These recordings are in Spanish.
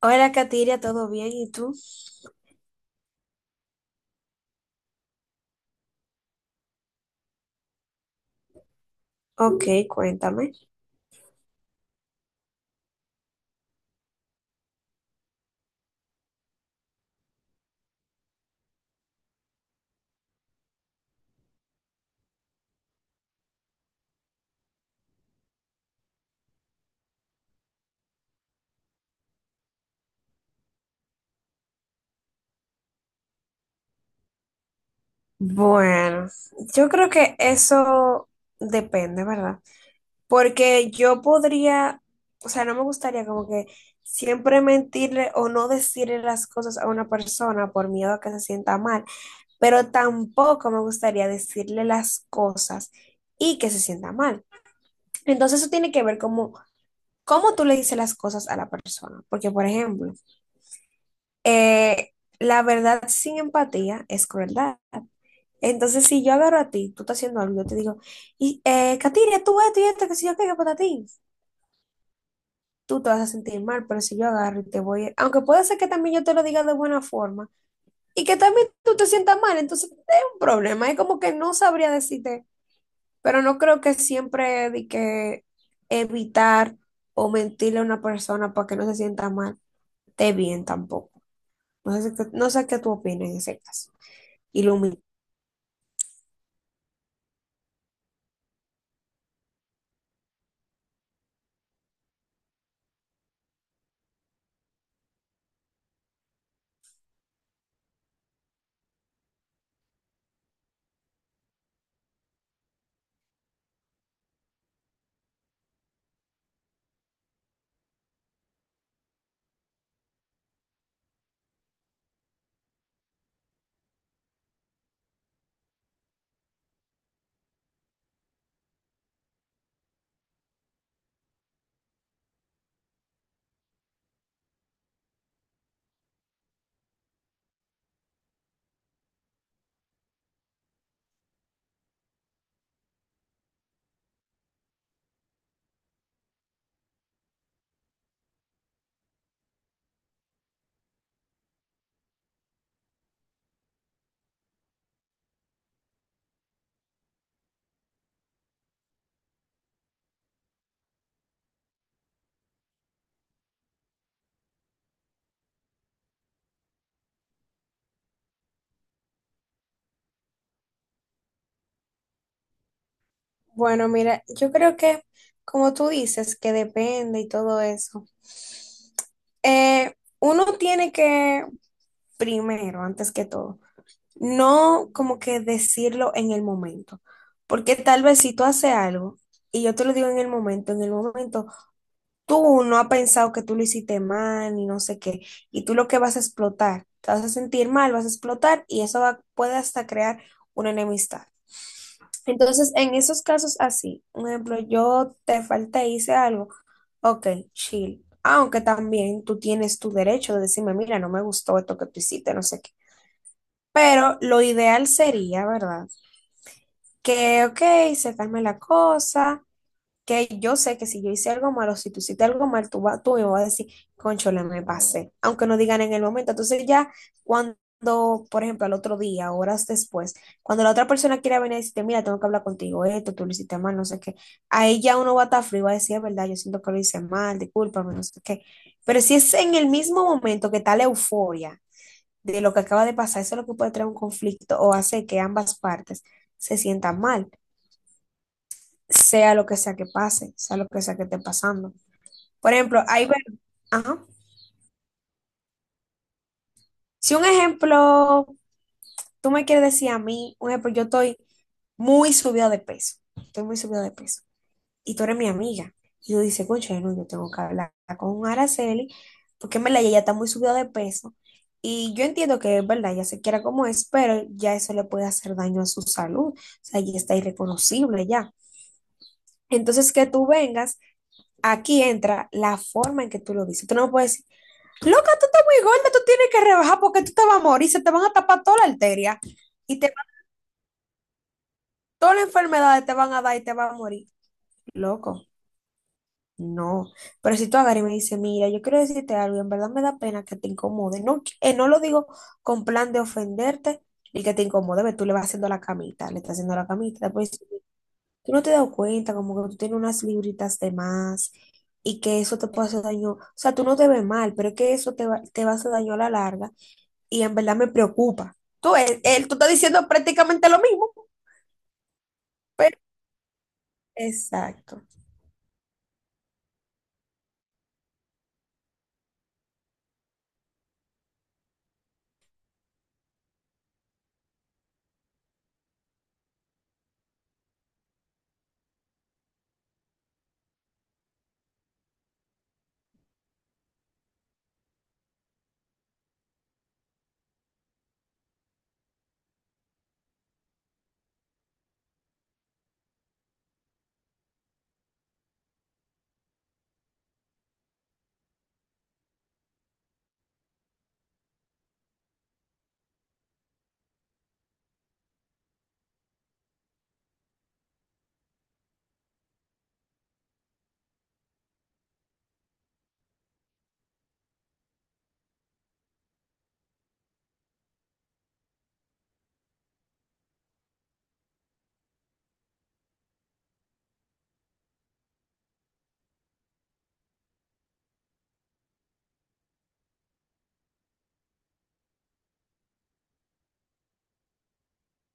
Hola, Katiria, ¿todo bien? ¿Y tú? Ok, cuéntame. Bueno, yo creo que eso depende, ¿verdad? Porque yo podría, o sea, no me gustaría como que siempre mentirle o no decirle las cosas a una persona por miedo a que se sienta mal, pero tampoco me gustaría decirle las cosas y que se sienta mal. Entonces eso tiene que ver como cómo tú le dices las cosas a la persona. Porque, por ejemplo, eh, la verdad sin empatía es crueldad. Entonces, si yo agarro a ti, tú estás haciendo algo, yo te digo, y, Katiria, tú esto y esto, que si yo qué, que para ti, tú te vas a sentir mal, pero si yo agarro y te voy, aunque puede ser que también yo te lo diga de buena forma y que también tú te sientas mal, entonces es un problema, es como que no sabría decirte, pero no creo que siempre de que evitar o mentirle a una persona para que no se sienta mal, esté bien tampoco. No sé, no sé qué tú opinas en ese caso. Ilumina. Bueno, mira, yo creo que como tú dices, que depende y todo eso, eh, uno tiene que, primero, antes que todo, no como que decirlo en el momento, porque tal vez si tú haces algo y yo te lo digo en el momento tú no has pensado que tú lo hiciste mal ni no sé qué, y tú lo que vas a explotar, te vas a sentir mal, vas a explotar y puede hasta crear una enemistad. Entonces, en esos casos así, un ejemplo, yo te falté, hice algo, ok, chill. Aunque también tú tienes tu derecho de decirme, mira, no me gustó esto que tú hiciste, no sé qué. Pero lo ideal sería, ¿verdad? Que, ok, se calme la cosa, que yo sé que si yo hice algo malo, si tú hiciste algo mal, tú, va, tú me vas a decir, conchole, me pasé, aunque no digan en el momento. Entonces ya cuando, por ejemplo, al otro día, horas después, cuando la otra persona quiera venir y decirte, mira, tengo que hablar contigo, esto, tú lo hiciste mal, no sé qué, ahí ya uno va a estar frío y va a decir, es verdad, yo siento que lo hice mal, discúlpame, no sé qué. Pero si es en el mismo momento que está la euforia de lo que acaba de pasar, eso es lo que puede traer un conflicto o hace que ambas partes se sientan mal sea lo que sea que pase, sea lo que sea que esté pasando. Por ejemplo, ahí ver, ajá. Si un ejemplo, tú me quieres decir a mí, un ejemplo, yo estoy muy subida de peso, estoy muy subida de peso, y tú eres mi amiga, y tú dices, concha, no, yo tengo que hablar con Araceli, porque en verdad ella está muy subida de peso, y yo entiendo que es verdad, ella se quiera como es, pero ya eso le puede hacer daño a su salud, o sea, ya está irreconocible ya. Entonces, que tú vengas aquí entra la forma en que tú lo dices. Tú no puedes decir, loca, tú estás muy gorda, tú tienes que rebajar porque tú te vas a morir, se te van a tapar toda la arteria y te van, todas las enfermedades te van a dar y te vas a morir. Loco, no. Pero si tú agarras y me dices, mira, yo quiero decirte algo, en verdad me da pena que te incomode. No, no lo digo con plan de ofenderte y que te incomode, ve, tú le vas haciendo la camita, le estás haciendo la camita, después tú no te das cuenta como que tú tienes unas libritas de más y que eso te puede hacer daño. O sea, tú no te ves mal, pero es que eso te va a hacer daño a la larga y en verdad me preocupa. Tú, él, tú estás diciendo prácticamente lo mismo, pero exacto.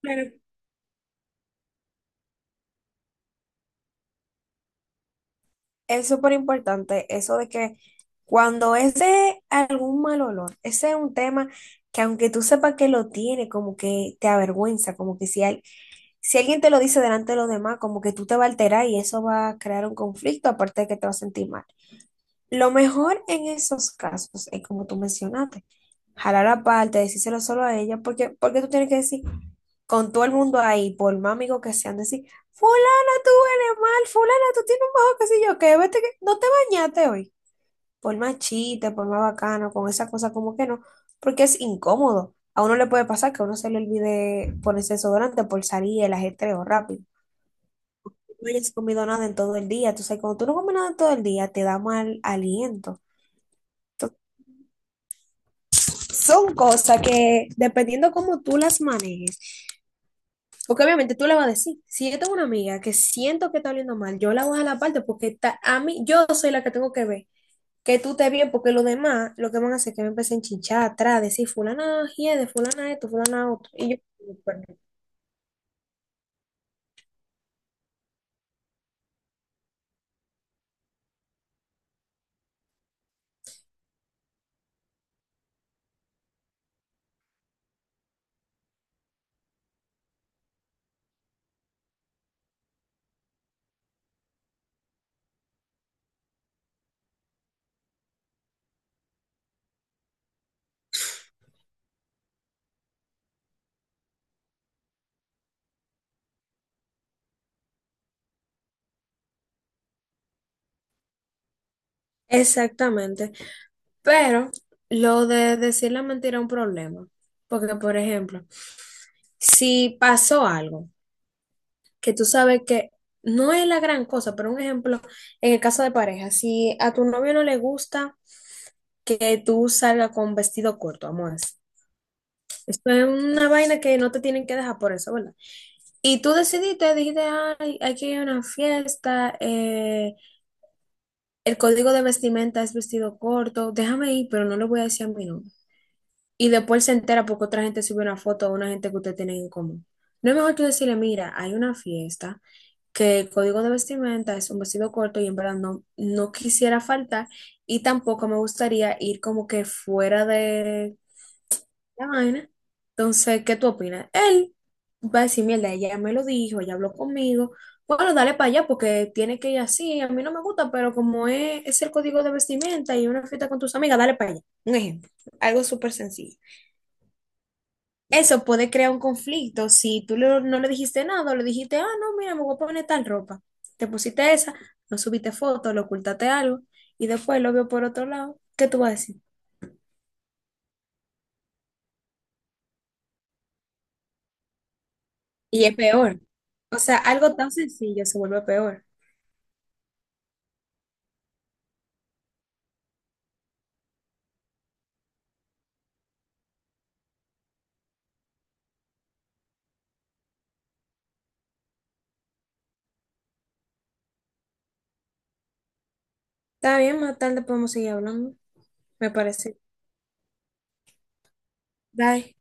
Pero es súper importante eso de que cuando es de algún mal olor, ese es un tema que aunque tú sepas que lo tiene, como que te avergüenza, como que si, hay- Si alguien te lo dice delante de los demás, como que tú te vas a alterar y eso va a crear un conflicto, aparte de que te vas a sentir mal. Lo mejor en esos casos es como tú mencionaste, jalar aparte, decírselo solo a ella, porque, porque tú tienes que decir con todo el mundo ahí, por más amigos que sean, decir, fulana, tú eres mal, fulana, tú tienes un bajo, qué sé yo, que vete que no te bañaste hoy. Por más chiste, por más bacano, con esa cosa como que no, porque es incómodo. A uno le puede pasar que a uno se le olvide ponerse desodorante por salir el ajetreo rápido no hayas comido nada en todo el día. Tú sabes, cuando tú no comes nada en todo el día, te da mal aliento. Entonces, son cosas que, dependiendo cómo tú las manejes, porque obviamente tú le vas a decir, si yo tengo una amiga que siento que está oliendo mal, yo la voy a la parte porque está, a mí, yo soy la que tengo que ver. Que tú te bien, porque los demás lo que van a hacer es que me empiecen a chinchar atrás, decir fulana de fulana esto, fulana otro. Y yo, perdón. Exactamente. Pero lo de decir la mentira es un problema. Porque, por ejemplo, si pasó algo que tú sabes que no es la gran cosa, pero un ejemplo, en el caso de pareja, si a tu novio no le gusta que tú salgas con vestido corto, amor. Esto es una vaina que no te tienen que dejar por eso, ¿verdad? Y tú decidiste, dijiste, ay, aquí hay que ir a una fiesta, el código de vestimenta es vestido corto, déjame ir, pero no le voy a decir a mi novio. Y después se entera porque otra gente sube una foto a una gente que usted tiene en común. No es mejor tú decirle, mira, hay una fiesta, que el código de vestimenta es un vestido corto y en verdad no quisiera faltar y tampoco me gustaría ir como que fuera de la vaina. Entonces, ¿qué tú opinas? Él va a decir, mierda, ella me lo dijo, ella habló conmigo. Bueno, dale para allá porque tiene que ir así. A mí no me gusta, pero como es el código de vestimenta y una fiesta con tus amigas, dale para allá. Un ejemplo, algo súper sencillo. Eso puede crear un conflicto. Si no le dijiste nada, o le dijiste, ah, no, mira, me voy a poner tal ropa. Te pusiste esa, no subiste foto, lo ocultaste algo y después lo vio por otro lado. ¿Qué tú vas a decir? Y es peor. O sea, algo tan sencillo se vuelve peor. Está bien, más tarde podemos seguir hablando, me parece. Bye.